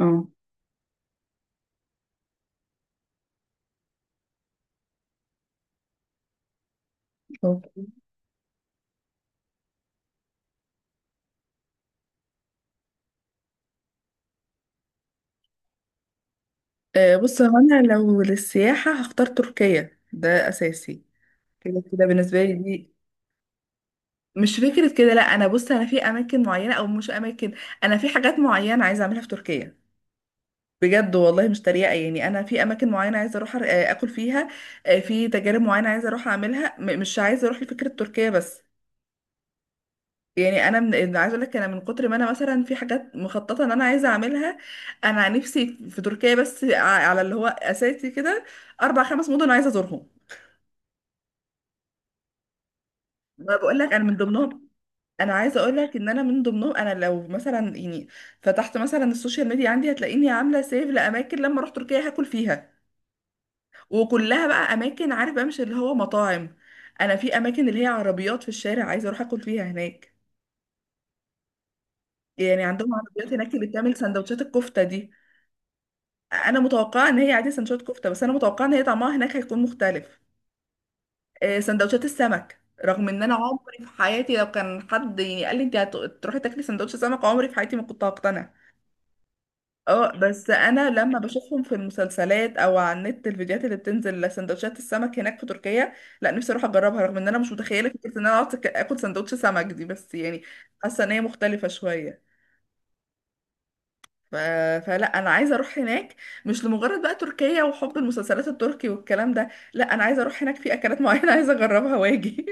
اه أوكي. بص، هو انا لو للسياحة هختار تركيا، ده اساسي. كده كده بالنسبة لي دي. مش فكرة كده، لا، انا بص، انا في اماكن معينة او مش اماكن. انا في حاجات معينة عايزة اعملها في تركيا. بجد والله، مش تريقة، يعني انا في اماكن معينة عايزة اروح اكل فيها. في تجارب معينة عايزة اروح اعملها، مش عايزة اروح لفكرة تركيا بس. يعني انا أنا عايزه اقول لك، انا من كتر ما انا مثلا في حاجات مخططه ان انا عايزه اعملها. انا نفسي في تركيا، بس على اللي هو اساسي كده، اربع خمس مدن عايزه ازورهم. ما بقول لك انا من ضمنهم. انا عايزه اقول لك ان انا من ضمنهم. انا لو مثلا يعني فتحت مثلا السوشيال ميديا عندي، هتلاقيني عامله سيف لاماكن لما اروح تركيا هاكل فيها. وكلها بقى اماكن، عارف، بقى مش اللي هو مطاعم. انا في اماكن اللي هي عربيات في الشارع عايزه اروح اكل فيها هناك. يعني عندهم عربيات هناك اللي بتعمل سندوتشات الكفته دي. انا متوقعه ان هي عادي سندوتشات كفته، بس انا متوقعه ان هي طعمها هناك هيكون مختلف. سندوتشات السمك، رغم ان انا عمري في حياتي لو كان حد يعني قال لي انت هتروحي تاكلي سندوتش سمك، عمري في حياتي ما كنت هقتنع. اه، بس انا لما بشوفهم في المسلسلات او على النت، الفيديوهات اللي بتنزل لسندوتشات السمك هناك في تركيا، لا، نفسي اروح اجربها، رغم ان انا مش متخيله فكره ان انا اقعد اكل سندوتش سمك دي، بس يعني حاسه ان هي مختلفه شويه. ف... فلا، انا عايزه اروح هناك، مش لمجرد بقى تركيا وحب المسلسلات التركي والكلام ده، لا، انا عايزه اروح هناك في اكلات معينه عايزه اجربها واجي.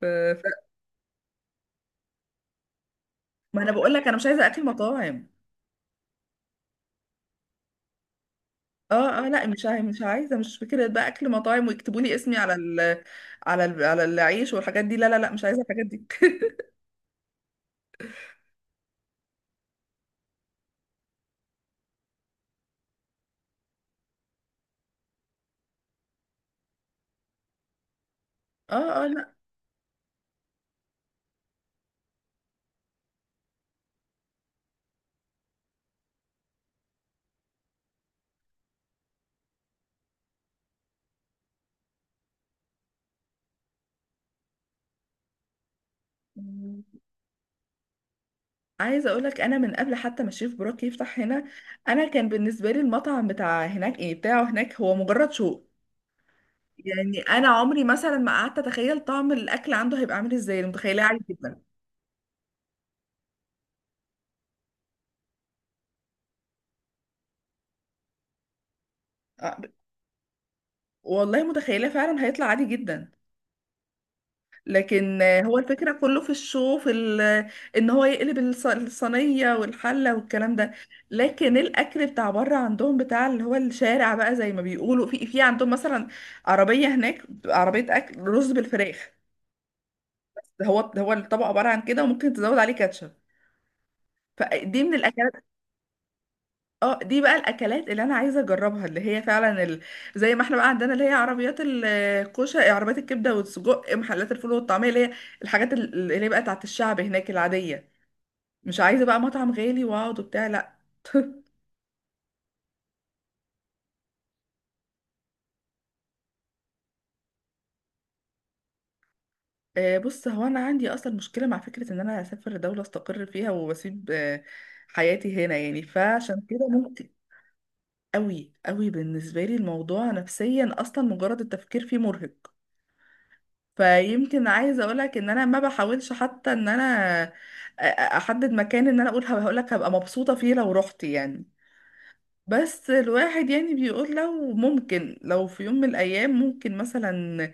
ف... ف... ما انا بقول لك انا مش عايزه اكل مطاعم. اه اه، لا، مش عايزه، مش فكره بقى اكل مطاعم ويكتبوا لي اسمي على العيش والحاجات دي، لا لا لا، مش عايزه الحاجات دي. اه اه، لا، عايزه اقول لك، انا من قبل حتى ما الشيف بروك يفتح هنا، انا كان بالنسبه لي المطعم بتاع هناك، ايه، بتاعه هناك، هو مجرد شوق. يعني انا عمري مثلا ما قعدت اتخيل طعم الاكل عنده هيبقى عامل ازاي، أنا متخيلاه عادي جدا. آه، والله متخيلاه فعلا هيطلع عادي جدا. لكن هو الفكرة كله في الشو، ان هو يقلب الصينية والحلة والكلام ده. لكن الاكل بتاع بره عندهم، بتاع اللي هو الشارع بقى، زي ما بيقولوا، في عندهم مثلا عربية هناك بتبقى عربية اكل رز بالفراخ. ده هو الطبق، عبارة عن كده، وممكن تزود عليه كاتشب. فدي من الاكلات. اه، دي بقى الاكلات اللي انا عايزه اجربها، اللي هي فعلا زي ما احنا بقى عندنا اللي هي عربيات الكوشه، عربيات الكبده والسجق، محلات الفول والطعميه، اللي هي الحاجات اللي هي بقى بتاعت الشعب هناك العاديه. مش عايزه بقى مطعم غالي واقعد وبتاع، لا. بص، هو انا عندي اصلا مشكله مع فكره ان انا اسافر دوله استقر فيها واسيب حياتي هنا، يعني فعشان كده ممكن. قوي قوي بالنسبه لي الموضوع نفسيا، اصلا مجرد التفكير فيه مرهق. فيمكن عايزه اقولك ان انا ما بحاولش حتى ان انا أ- أ- احدد مكان ان انا اقول هقولك هبقى مبسوطه فيه لو رحت يعني. بس الواحد يعني بيقول، لو ممكن، لو في يوم من الايام ممكن مثلا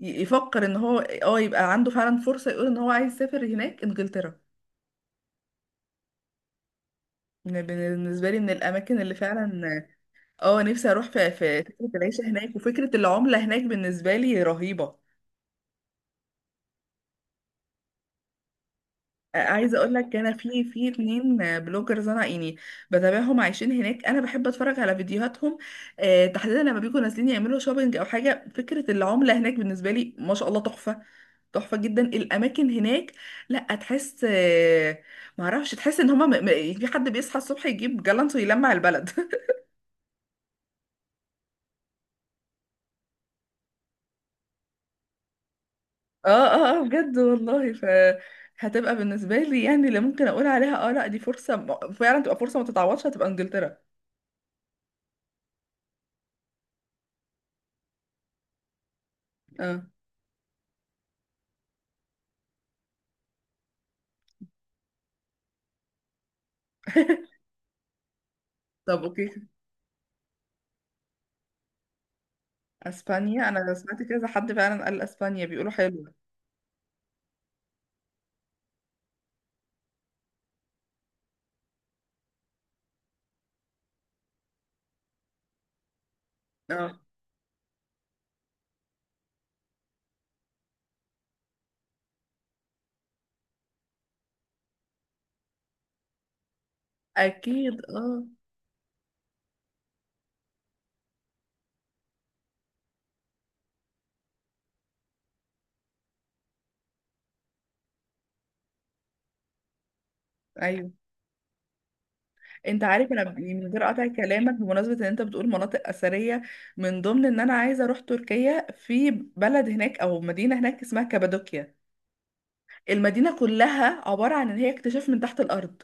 يفكر ان هو يبقى عنده فعلا فرصه، يقول ان هو عايز يسافر هناك انجلترا. بالنسبه لي، من الاماكن اللي فعلا، اه، نفسي اروح في فكره العيشه هناك وفكره العمله هناك بالنسبه لي رهيبه. عايزه اقول لك انا في 2 بلوجرز انا يعني بتابعهم، عايشين هناك، انا بحب اتفرج على فيديوهاتهم. تحديدا لما بيكونوا نازلين يعملوا شوبينج او حاجه، فكره العمله هناك بالنسبه لي ما شاء الله تحفه. تحفه جدا الاماكن هناك. لا، تحس ما اعرفش، تحس ان هما يعني في حد بيصحى الصبح يجيب جالانت ويلمع البلد. اه اه اه، بجد والله. هتبقى بالنسبه لي يعني اللي ممكن اقول عليها اه لا دي فرصه فعلا تبقى فرصه ما تتعوضش، هتبقى انجلترا. اه، طب اوكي. اسبانيا، انا سمعت كذا حد فعلا قال اسبانيا، بيقولوا حلوة. اه، اكيد. اه، ايوه. انت عارف انا يعني من غير قطع كلامك، بمناسبه ان انت بتقول مناطق اثريه، من ضمن ان انا عايزه اروح تركيا، في بلد هناك او مدينه هناك اسمها كابادوكيا. المدينه كلها عباره عن ان هي اكتشاف من تحت الارض.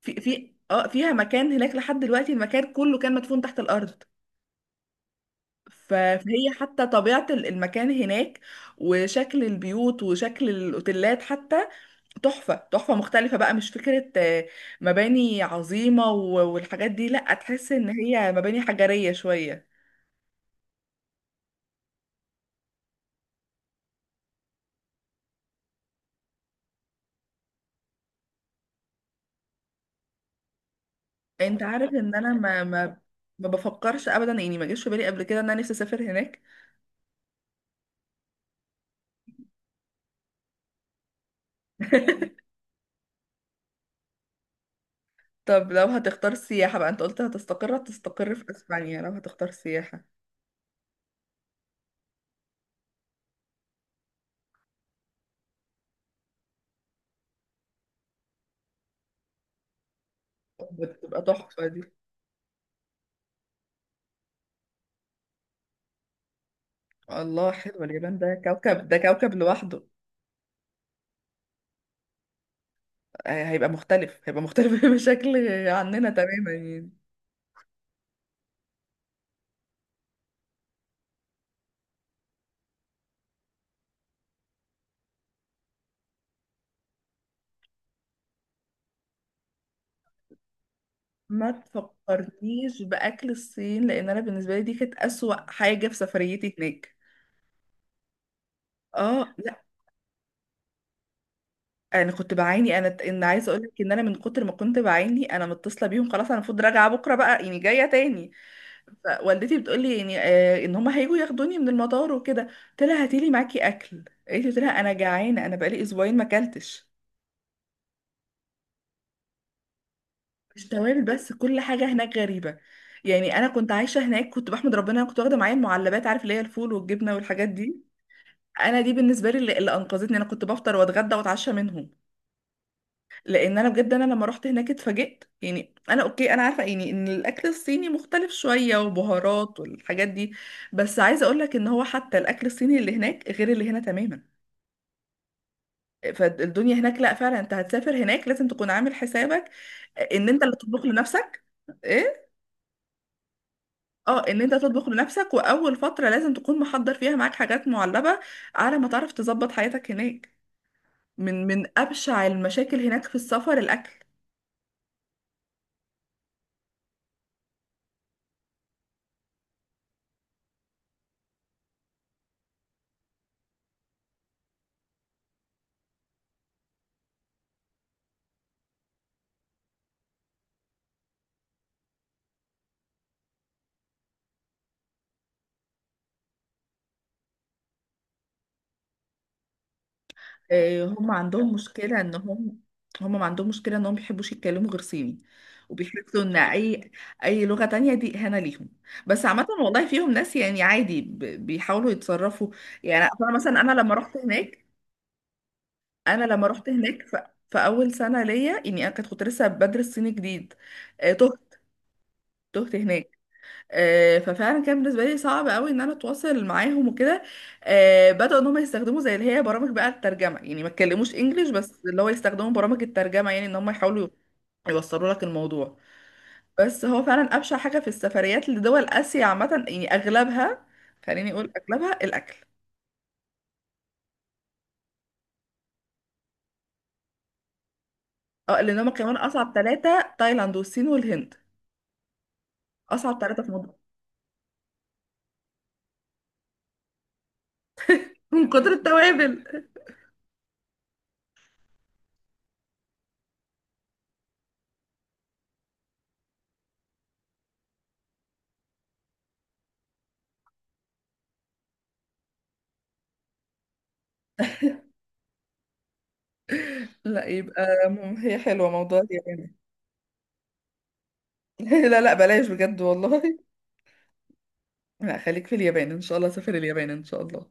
في في اه فيها مكان هناك لحد دلوقتي المكان كله كان مدفون تحت الارض. فهي حتى طبيعه المكان هناك وشكل البيوت وشكل الاوتيلات حتى تحفة تحفة، مختلفة بقى، مش فكرة مباني عظيمة والحاجات دي، لأ، تحس إن هي مباني حجرية شوية. أنت عارف إن أنا ما بفكرش أبدا، يعني ما جاش في بالي قبل كده إن أنا نفسي أسافر هناك. طب لو هتختار سياحة بقى، أنت قلت هتستقر في أسبانيا، لو هتختار سياحة، بتبقى تحفة دي. الله، حلوة اليابان، ده كوكب، ده كوكب لوحده. هيبقى مختلف، هيبقى مختلف بشكل عننا تماما يعني. ما تفكرنيش باكل الصين، لان انا بالنسبه لي دي كانت اسوأ حاجه في سفريتي هناك. اه، لا، انا كنت بعاني. انا، ان عايزه اقول لك ان انا من كتر ما كنت بعاني انا متصله بيهم خلاص، انا المفروض راجعه بكره بقى، يعني جايه تاني. فوالدتي بتقول لي يعني ان هم هيجوا ياخدوني من المطار وكده، قلت لها هاتي لي معاكي اكل، قالت لي، قلت لها انا جعانه، انا بقالي اسبوعين ما اكلتش. مش توابل بس، كل حاجه هناك غريبه. يعني انا كنت عايشه هناك كنت بحمد ربنا انا كنت واخده معايا المعلبات، عارف، اللي هي الفول والجبنه والحاجات دي. انا دي بالنسبه لي اللي انقذتني، انا كنت بفطر واتغدى واتعشى منهم. لان انا بجد، انا لما رحت هناك اتفاجئت، يعني انا اوكي، انا عارفه يعني ان الاكل الصيني مختلف شويه وبهارات والحاجات دي. بس عايزه اقول لك ان هو حتى الاكل الصيني اللي هناك غير اللي هنا تماما. فالدنيا هناك، لا فعلا، انت هتسافر هناك لازم تكون عامل حسابك ان انت اللي تطبخ لنفسك. ايه. اه، ان انت تطبخ لنفسك، واول فتره لازم تكون محضر فيها معاك حاجات معلبه على ما تعرف تظبط حياتك هناك. من أبشع المشاكل هناك في السفر الأكل. هم عندهم مشكلة إن هم، هم ما عندهم مشكلة إنهم بيحبوش يتكلموا غير صيني، وبيحسوا إن أي لغة تانية دي إهانة ليهم. بس عامة والله فيهم ناس يعني عادي بيحاولوا يتصرفوا. يعني أنا مثلا أنا لما رحت هناك، أنا لما رحت هناك، في أول سنة ليا يعني، أنا كنت لسه بدرس صيني جديد. تهت. تهت هناك. ففعلا كان بالنسبه لي صعب قوي ان انا اتواصل معاهم وكده. بداوا ان هم يستخدموا زي اللي هي برامج بقى الترجمه، يعني ما تكلموش انجليش، بس اللي هو يستخدموا برامج الترجمه يعني ان هم يحاولوا يوصلوا لك الموضوع. بس هو فعلا ابشع حاجه في السفريات لدول اسيا عامه، يعني اغلبها، خليني اقول اغلبها الاكل. اه، لان هم كمان أصعب 3 تايلاند والصين والهند، أصعب 3 في موضوع. من كتر التوابل. لا، يبقى هي حلوه موضوع اليابان. لا لا، بلاش بجد والله. لا، خليك في اليابان ان شاء الله، سافر اليابان ان شاء الله.